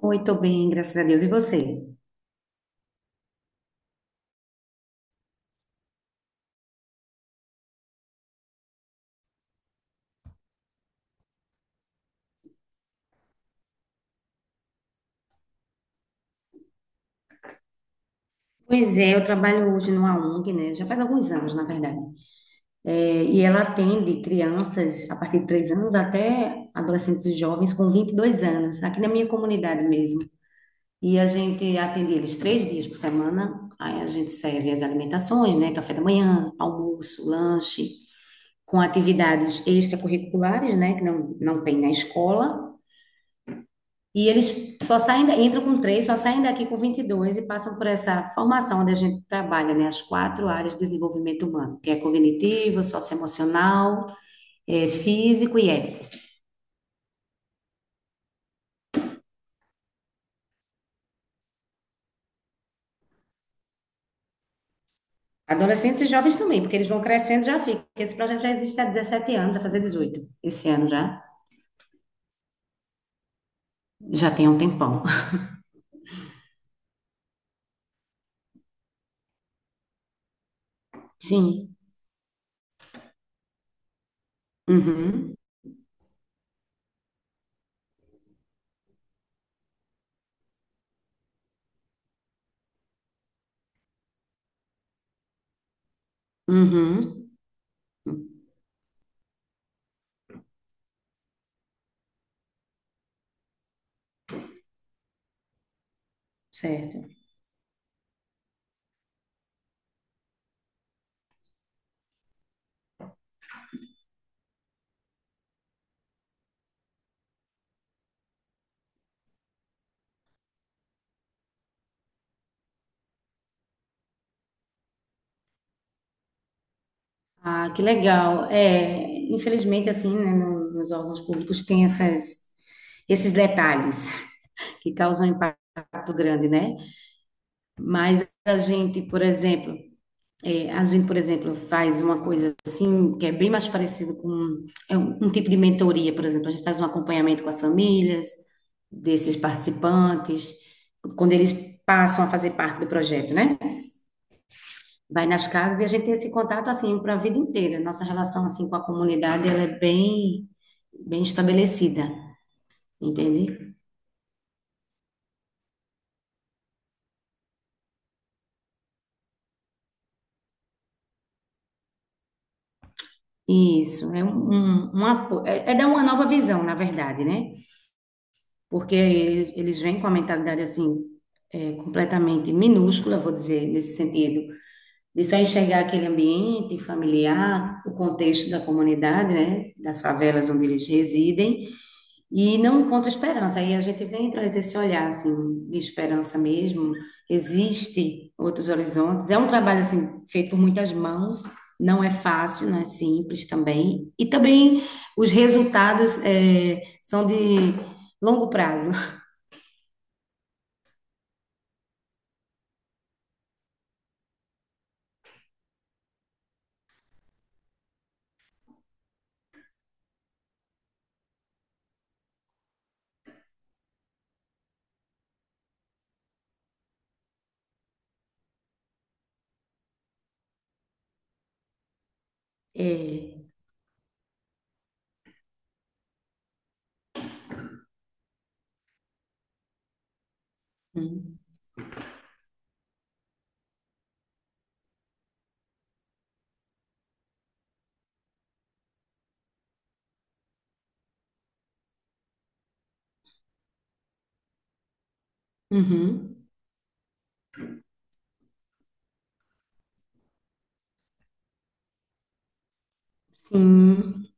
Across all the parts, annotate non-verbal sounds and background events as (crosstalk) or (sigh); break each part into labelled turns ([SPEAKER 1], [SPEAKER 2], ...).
[SPEAKER 1] Oi, tô bem, graças a Deus. E você? Pois é, eu trabalho hoje numa ONG, né? Já faz alguns anos, na verdade. É, e ela atende crianças a partir de 3 anos até adolescentes e jovens com 22 anos, aqui na minha comunidade mesmo. E a gente atende eles 3 dias por semana. Aí a gente serve as alimentações, né? Café da manhã, almoço, lanche, com atividades extracurriculares, né? Que não, não tem na escola. E eles só saem, entram com três, só saem daqui com 22 e passam por essa formação onde a gente trabalha, né? As quatro áreas de desenvolvimento humano, que é cognitivo, socioemocional, físico e ético. Adolescentes e jovens também, porque eles vão crescendo, já fica. Esse projeto já existe há 17 anos, vai fazer 18 esse ano já. Já tem um tempão. (laughs) Sim. Uhum. Uhum. Certo. Ah, que legal. É, infelizmente, assim, né, nos órgãos públicos tem essas, esses detalhes. Que causam um impacto grande, né? Mas a gente, por exemplo, é, a gente, por exemplo, faz uma coisa assim, que é bem mais parecido com é um tipo de mentoria, por exemplo. A gente faz um acompanhamento com as famílias desses participantes, quando eles passam a fazer parte do projeto, né? Vai nas casas e a gente tem esse contato assim para a vida inteira. Nossa relação assim com a comunidade, ela é bem bem estabelecida, entende? Isso, é dar uma nova visão, na verdade, né? Porque eles vêm com a mentalidade assim, é, completamente minúscula, vou dizer, nesse sentido, de só enxergar aquele ambiente familiar, o contexto da comunidade, né? Das favelas onde eles residem, e não encontra esperança. Aí a gente vem e traz esse olhar assim de esperança mesmo. Existe outros horizontes. É um trabalho assim feito por muitas mãos. Não é fácil, não é simples também. E também os resultados são de longo prazo. É. Hum. Uhum. Sim.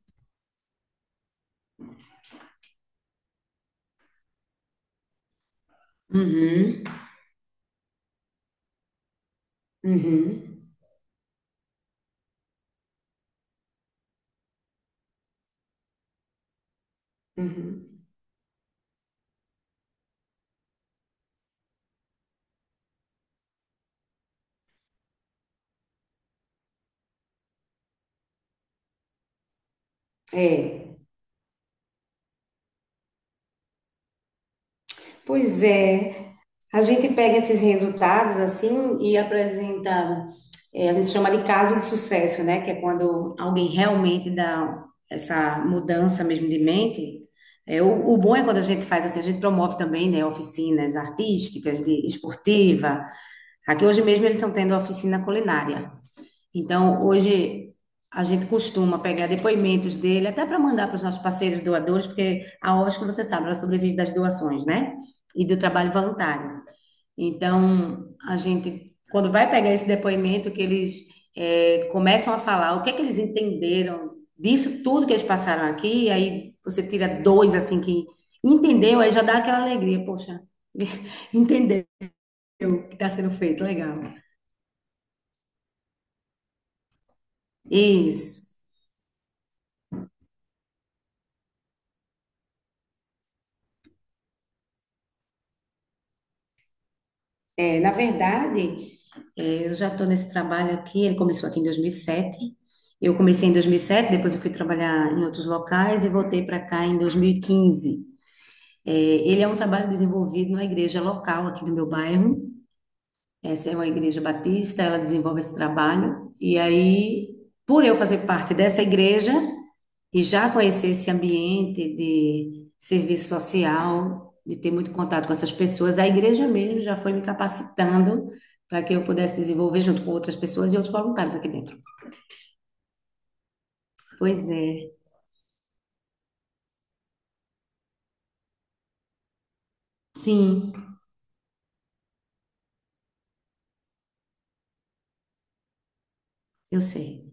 [SPEAKER 1] Uhum. Uhum. Uhum. É. Pois é. A gente pega esses resultados assim e apresenta, a gente chama de caso de sucesso, né? Que é quando alguém realmente dá essa mudança mesmo de mente. É, o bom é quando a gente faz assim, a gente promove também, né, oficinas artísticas, de esportiva. Aqui hoje mesmo eles estão tendo oficina culinária. Então, hoje a gente costuma pegar depoimentos dele, até para mandar para os nossos parceiros doadores, porque a OSC, você sabe, ela sobrevive das doações, né? E do trabalho voluntário. Então, a gente, quando vai pegar esse depoimento, que eles começam a falar o que é que eles entenderam disso tudo que eles passaram aqui, e aí você tira dois, assim, que entendeu, aí já dá aquela alegria, poxa, (laughs) entendeu o que está sendo feito, legal. Isso. É, na verdade, eu já estou nesse trabalho aqui, ele começou aqui em 2007. Eu comecei em 2007, depois eu fui trabalhar em outros locais e voltei para cá em 2015. É, ele é um trabalho desenvolvido na igreja local aqui do meu bairro. Essa é uma igreja batista, ela desenvolve esse trabalho. E aí, por eu fazer parte dessa igreja, e já conhecer esse ambiente de serviço social, de ter muito contato com essas pessoas, a igreja mesmo já foi me capacitando para que eu pudesse desenvolver junto com outras pessoas e outros voluntários aqui dentro. Pois é, sim, eu sei.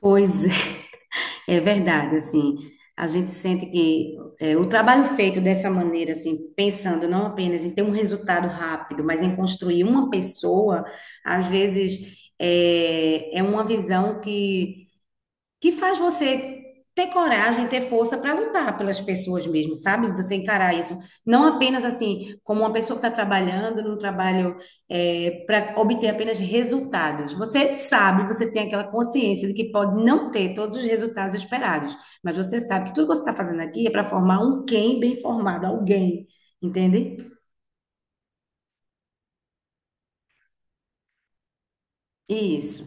[SPEAKER 1] Pois é, (laughs) é verdade, assim, a gente sente que é, o trabalho feito dessa maneira, assim, pensando não apenas em ter um resultado rápido, mas em construir uma pessoa, às vezes é, é uma visão que faz você ter coragem, ter força para lutar pelas pessoas mesmo, sabe? Você encarar isso não apenas assim como uma pessoa que está trabalhando num trabalho para obter apenas resultados. Você sabe, você tem aquela consciência de que pode não ter todos os resultados esperados, mas você sabe que tudo que você está fazendo aqui é para formar um quem bem formado, alguém, entende? Isso.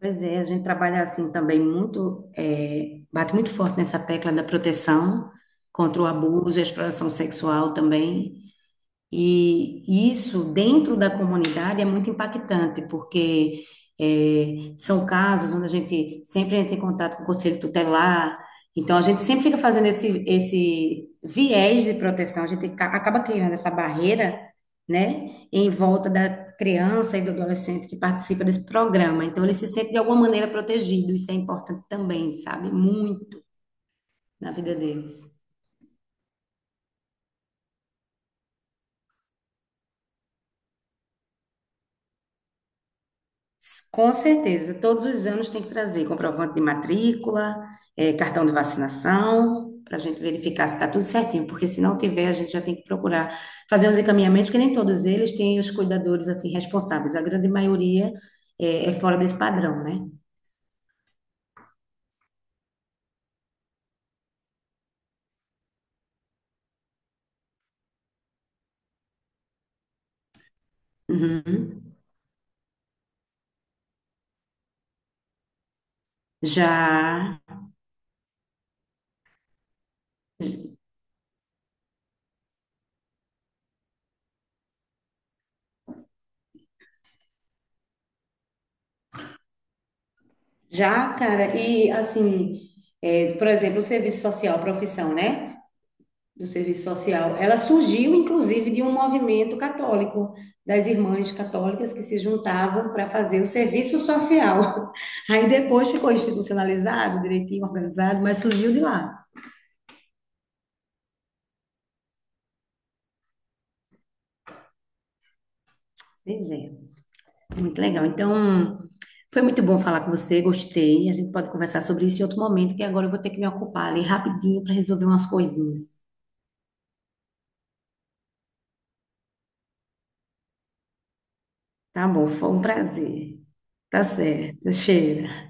[SPEAKER 1] Pois é, a gente trabalha assim também muito, é, bate muito forte nessa tecla da proteção contra o abuso e a exploração sexual também. E isso dentro da comunidade é muito impactante, porque é, são casos onde a gente sempre entra em contato com o conselho tutelar, então a gente sempre fica fazendo esse, esse viés de proteção, a gente acaba criando essa barreira, né, em volta da criança e do adolescente que participa desse programa. Então ele se sente de alguma maneira protegido, isso é importante também, sabe? Muito na vida deles. Com certeza, todos os anos tem que trazer comprovante de matrícula, cartão de vacinação, para a gente verificar se está tudo certinho, porque se não tiver, a gente já tem que procurar fazer os encaminhamentos, porque nem todos eles têm os cuidadores assim responsáveis, a grande maioria é, fora desse padrão, né? Uhum. Já, já, cara, e assim, por exemplo, o serviço social, profissão, né? Do serviço social. Ela surgiu, inclusive, de um movimento católico, das irmãs católicas que se juntavam para fazer o serviço social. (laughs) Aí depois ficou institucionalizado, direitinho organizado, mas surgiu de lá. Pois é, muito legal. Então, foi muito bom falar com você, gostei. A gente pode conversar sobre isso em outro momento, que agora eu vou ter que me ocupar ali rapidinho para resolver umas coisinhas. Tá bom, foi um prazer. Tá certo, cheira.